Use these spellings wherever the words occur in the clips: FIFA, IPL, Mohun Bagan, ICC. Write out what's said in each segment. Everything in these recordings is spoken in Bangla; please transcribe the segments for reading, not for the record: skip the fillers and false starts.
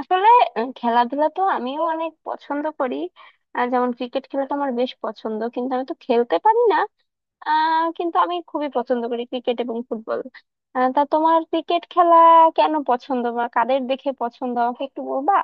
আসলে খেলাধুলা তো আমিও অনেক পছন্দ করি। যেমন ক্রিকেট খেলাটা আমার বেশ পছন্দ, কিন্তু আমি তো খেলতে পারি না। কিন্তু আমি খুবই পছন্দ করি ক্রিকেট এবং ফুটবল। তা তোমার ক্রিকেট খেলা কেন পছন্দ বা কাদের দেখে পছন্দ আমাকে একটু বলবা?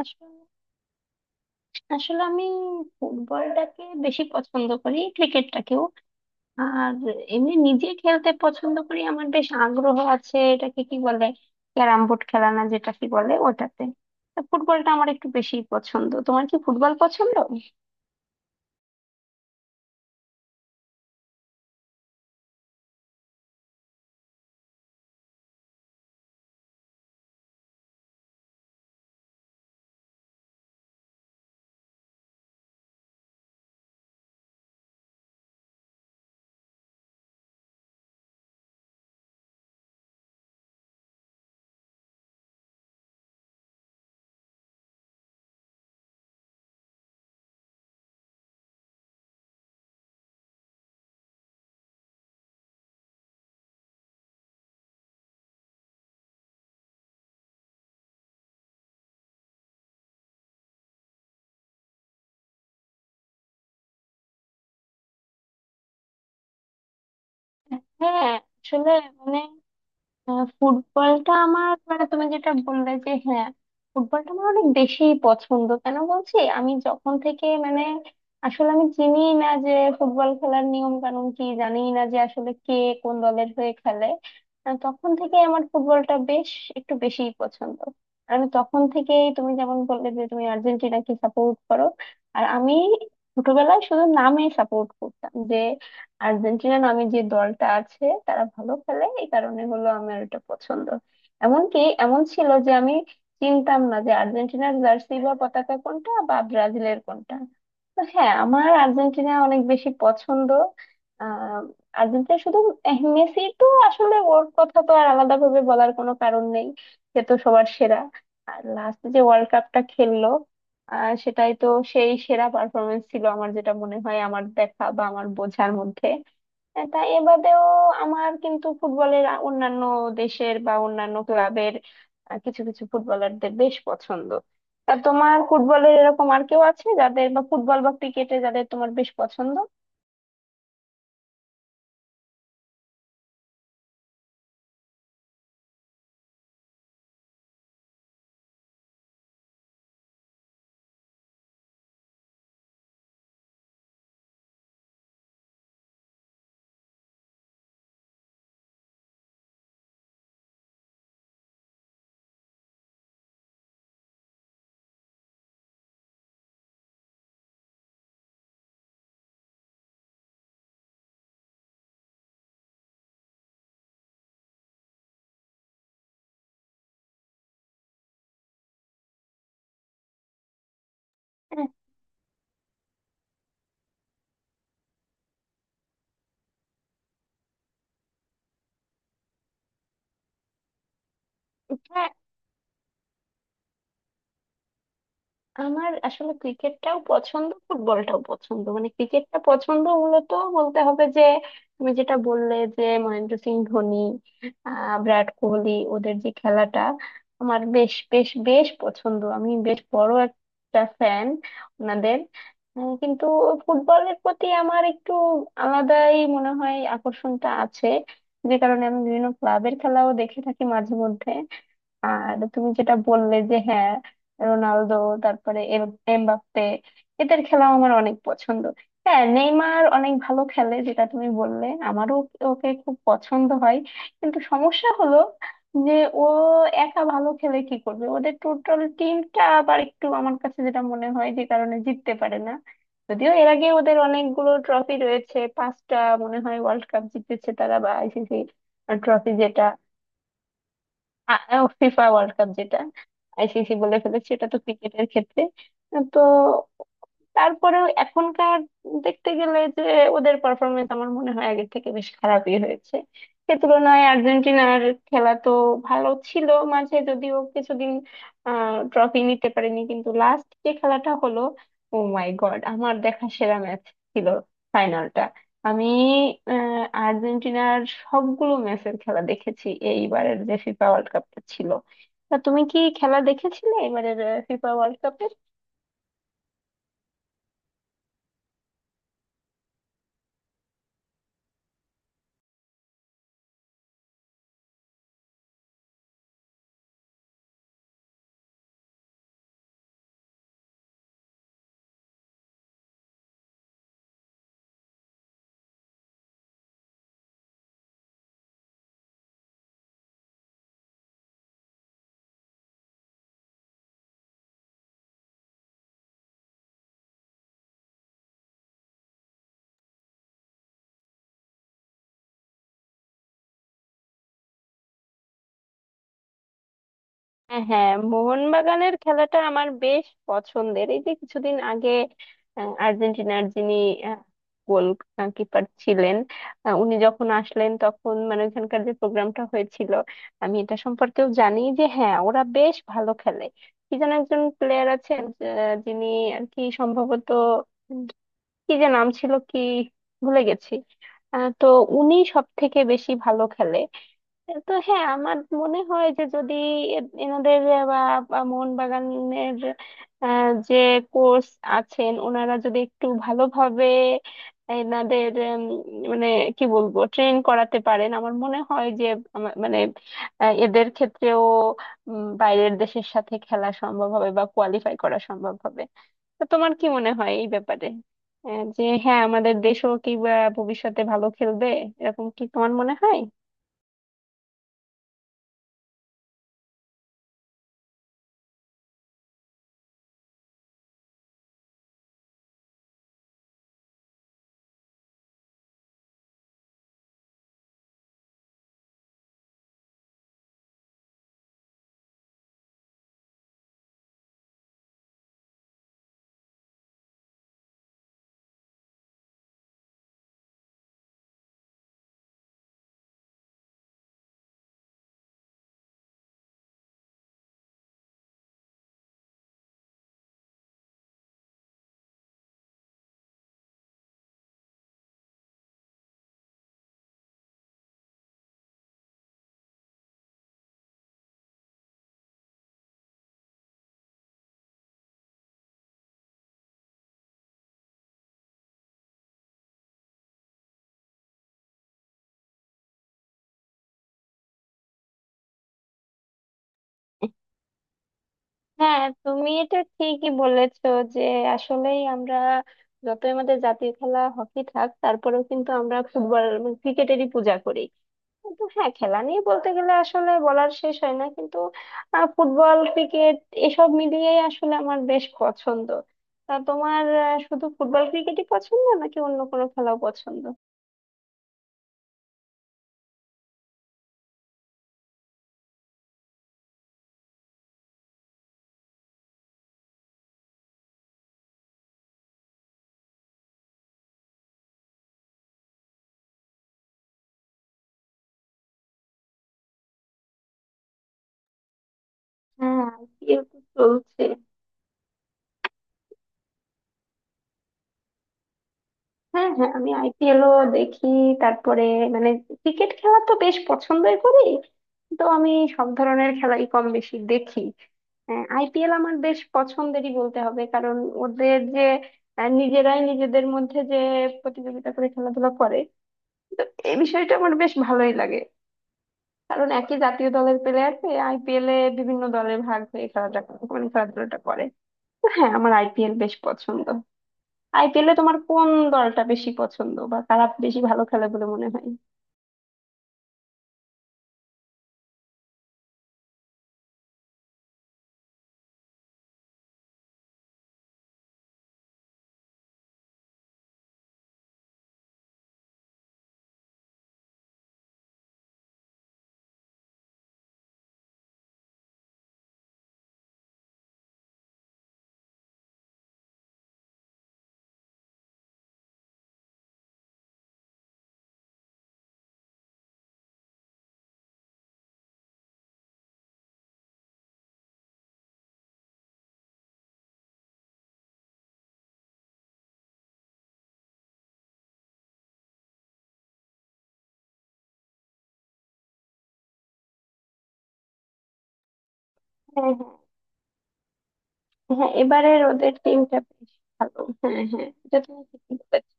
আসলে আসলে আমি ফুটবলটাকে বেশি পছন্দ করি, ক্রিকেটটাকেও। আর এমনি নিজে খেলতে পছন্দ করি, আমার বেশ আগ্রহ আছে। এটাকে কি বলে, ক্যারাম বোর্ড খেলা না, যেটা কি বলে ওটাতে। তা ফুটবলটা আমার একটু বেশি পছন্দ, তোমার কি ফুটবল পছন্দ? হ্যাঁ। আসলে মানে ফুটবলটা আমার, মানে তুমি যেটা বললে যে, হ্যাঁ ফুটবলটা আমার অনেক বেশি পছন্দ। কেন বলছি, আমি যখন থেকে মানে আসলে আমি চিনি না যে ফুটবল খেলার নিয়ম কানুন কি, জানি না যে আসলে কে কোন দলের হয়ে খেলে। তখন থেকে আমার ফুটবলটা বেশ একটু বেশিই পছন্দ। আর আমি তখন থেকেই, তুমি যেমন বললে যে তুমি আর্জেন্টিনাকে সাপোর্ট করো, আর আমি ছোটবেলায় শুধু নামে সাপোর্ট করতাম যে আর্জেন্টিনা নামে যে দলটা আছে তারা ভালো খেলে, এই কারণে হলো আমার এটা পছন্দ। এমনকি এমন ছিল যে আমি চিনতাম না যে আর্জেন্টিনার জার্সি বা পতাকা কোনটা বা ব্রাজিলের কোনটা। তো হ্যাঁ, আমার আর্জেন্টিনা অনেক বেশি পছন্দ। আহ আর্জেন্টিনা শুধু। মেসি তো, আসলে ওর কথা তো আর আলাদা ভাবে বলার কোনো কারণ নেই, সে তো সবার সেরা। আর লাস্ট যে ওয়ার্ল্ড কাপটা খেললো, সেটাই তো সেই সেরা পারফরমেন্স ছিল, আমার যেটা মনে হয় আমার দেখা বা আমার বোঝার মধ্যে। তা এ বাদেও আমার কিন্তু ফুটবলের অন্যান্য দেশের বা অন্যান্য ক্লাবের কিছু কিছু ফুটবলারদের বেশ পছন্দ। তা তোমার ফুটবলের এরকম আর কেউ আছে যাদের, বা ফুটবল বা ক্রিকেটে যাদের তোমার বেশ পছন্দ? হ্যাঁ, আমার আসলে ক্রিকেটটাও পছন্দ, ফুটবলটাও পছন্দ। মানে ক্রিকেটটা পছন্দ, মূলত বলতে হবে যে তুমি যেটা বললে যে মহেন্দ্র সিং ধোনি, বিরাট কোহলি, ওদের যে খেলাটা আমার বেশ বেশ বেশ পছন্দ। আমি বেশ বড় একটা ফ্যান ওনাদের। কিন্তু ফুটবলের প্রতি আমার একটু আলাদাই মনে হয় আকর্ষণটা আছে, যে কারণে আমি বিভিন্ন ক্লাবের খেলাও দেখে থাকি মাঝে মধ্যে। আর তুমি যেটা বললে যে হ্যাঁ, রোনালদো, তারপরে এমবাপ্পে, এদের খেলাও আমার অনেক পছন্দ। হ্যাঁ, নেইমার অনেক ভালো খেলে, যেটা তুমি বললে, আমারও ওকে খুব পছন্দ হয়। কিন্তু সমস্যা হলো যে ও একা ভালো খেলে কি করবে, ওদের টোটাল টিমটা আবার একটু আমার কাছে যেটা মনে হয়, যে কারণে জিততে পারে না। যদিও এর আগে ওদের অনেকগুলো ট্রফি রয়েছে, পাঁচটা মনে হয় ওয়ার্ল্ড কাপ জিতেছে তারা, বা আইসিসি ট্রফি যেটা, ফিফা ওয়ার্ল্ড কাপ যেটা, আইসিসি বলে ফেলেছে, এটা তো ক্রিকেটের ক্ষেত্রে। তো তারপরেও এখনকার দেখতে গেলে যে ওদের পারফরমেন্স আমার মনে হয় আগের থেকে বেশ খারাপই হয়েছে। সে তুলনায় আর্জেন্টিনার খেলা তো ভালো ছিল। মাঝে যদিও কিছুদিন ট্রফি নিতে পারেনি, কিন্তু লাস্ট যে খেলাটা হলো, ও মাই গড, আমার দেখা সেরা ম্যাচ ছিল ফাইনালটা। আমি আর্জেন্টিনার সবগুলো ম্যাচের খেলা দেখেছি এইবারের যে ফিফা ওয়ার্ল্ড কাপটা ছিল। তা তুমি কি খেলা দেখেছিলে এবারের ফিফা ওয়ার্ল্ড কাপ? হ্যাঁ হ্যাঁ, মোহনবাগানের খেলাটা আমার বেশ পছন্দের। এই যে কিছুদিন আগে আর্জেন্টিনার যিনি গোল কিপার ছিলেন, উনি যখন আসলেন, তখন মানে ওখানকার যে প্রোগ্রামটা হয়েছিল, আমি এটা সম্পর্কেও জানি যে হ্যাঁ, ওরা বেশ ভালো খেলে। কি যেন একজন প্লেয়ার আছেন যিনি, আর কি সম্ভবত উম, কি যে নাম ছিল কি, ভুলে গেছি। তো উনি সব থেকে বেশি ভালো খেলে। তো হ্যাঁ, আমার মনে হয় যে যদি এনাদের বা, বা মোহনবাগানের যে কোচ আছেন, ওনারা যদি একটু ভালোভাবে এনাদের মানে কি বলবো, ট্রেন করাতে পারেন, আমার মনে হয় যে আমার মানে এদের ক্ষেত্রেও বাইরের দেশের সাথে খেলা সম্ভব হবে বা কোয়ালিফাই করা সম্ভব হবে। তো তোমার কি মনে হয় এই ব্যাপারে, যে হ্যাঁ আমাদের দেশও কি বা ভবিষ্যতে ভালো খেলবে, এরকম কি তোমার মনে হয়? হ্যাঁ, তুমি এটা ঠিকই বলেছো যে আসলেই আমরা, যতই আমাদের জাতীয় খেলা হকি থাক, তারপরেও কিন্তু আমরা ফুটবল এবং ক্রিকেটেরই পূজা করি। কিন্তু হ্যাঁ, খেলা নিয়ে বলতে গেলে আসলে বলার শেষ হয় না। কিন্তু ফুটবল, ক্রিকেট, এসব মিলিয়েই আসলে আমার বেশ পছন্দ। তা তোমার শুধু ফুটবল ক্রিকেটই পছন্দ নাকি অন্য কোনো খেলাও পছন্দ? হ্যাঁ, IPL তো চলছে। হ্যাঁ হ্যাঁ, আমি আইপিএলও দেখি। তারপরে মানে ক্রিকেট খেলা তো বেশ পছন্দই করি। তো আমি সব ধরনের খেলাই কম বেশি দেখি। আইপিএল আমার বেশ পছন্দেরই বলতে হবে, কারণ ওদের যে নিজেরাই নিজেদের মধ্যে যে প্রতিযোগিতা করে খেলাধুলা করে, তো এই বিষয়টা আমার বেশ ভালোই লাগে। কারণ একই জাতীয় দলের প্লেয়ারকে আইপিএল এ বিভিন্ন দলে ভাগ হয়ে খেলাটা, মানে খেলাধুলাটা করে। তো হ্যাঁ, আমার আইপিএল বেশ পছন্দ। আইপিএলে তোমার কোন দলটা বেশি পছন্দ বা কারা বেশি ভালো খেলে বলে মনে হয়? হ্যাঁ হ্যাঁ হ্যাঁ, এবারের ওদের টিমটা বেশ ভালো। হ্যাঁ হ্যাঁ, এটা তুমি ঠিকই বলেছো।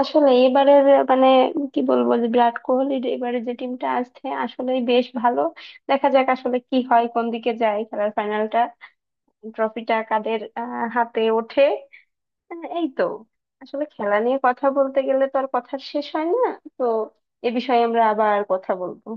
আসলে এবারের মানে কি বলবো, যে বিরাট কোহলির এবারে যে টিমটা আসছে আসলেই বেশ ভালো। দেখা যাক আসলে কি হয়, কোন দিকে যায় খেলার ফাইনালটা, ট্রফিটা কাদের হাতে ওঠে। এই তো, আসলে খেলা নিয়ে কথা বলতে গেলে তো আর কথার শেষ হয় না। তো এ বিষয়ে আমরা আবার কথা বলবো।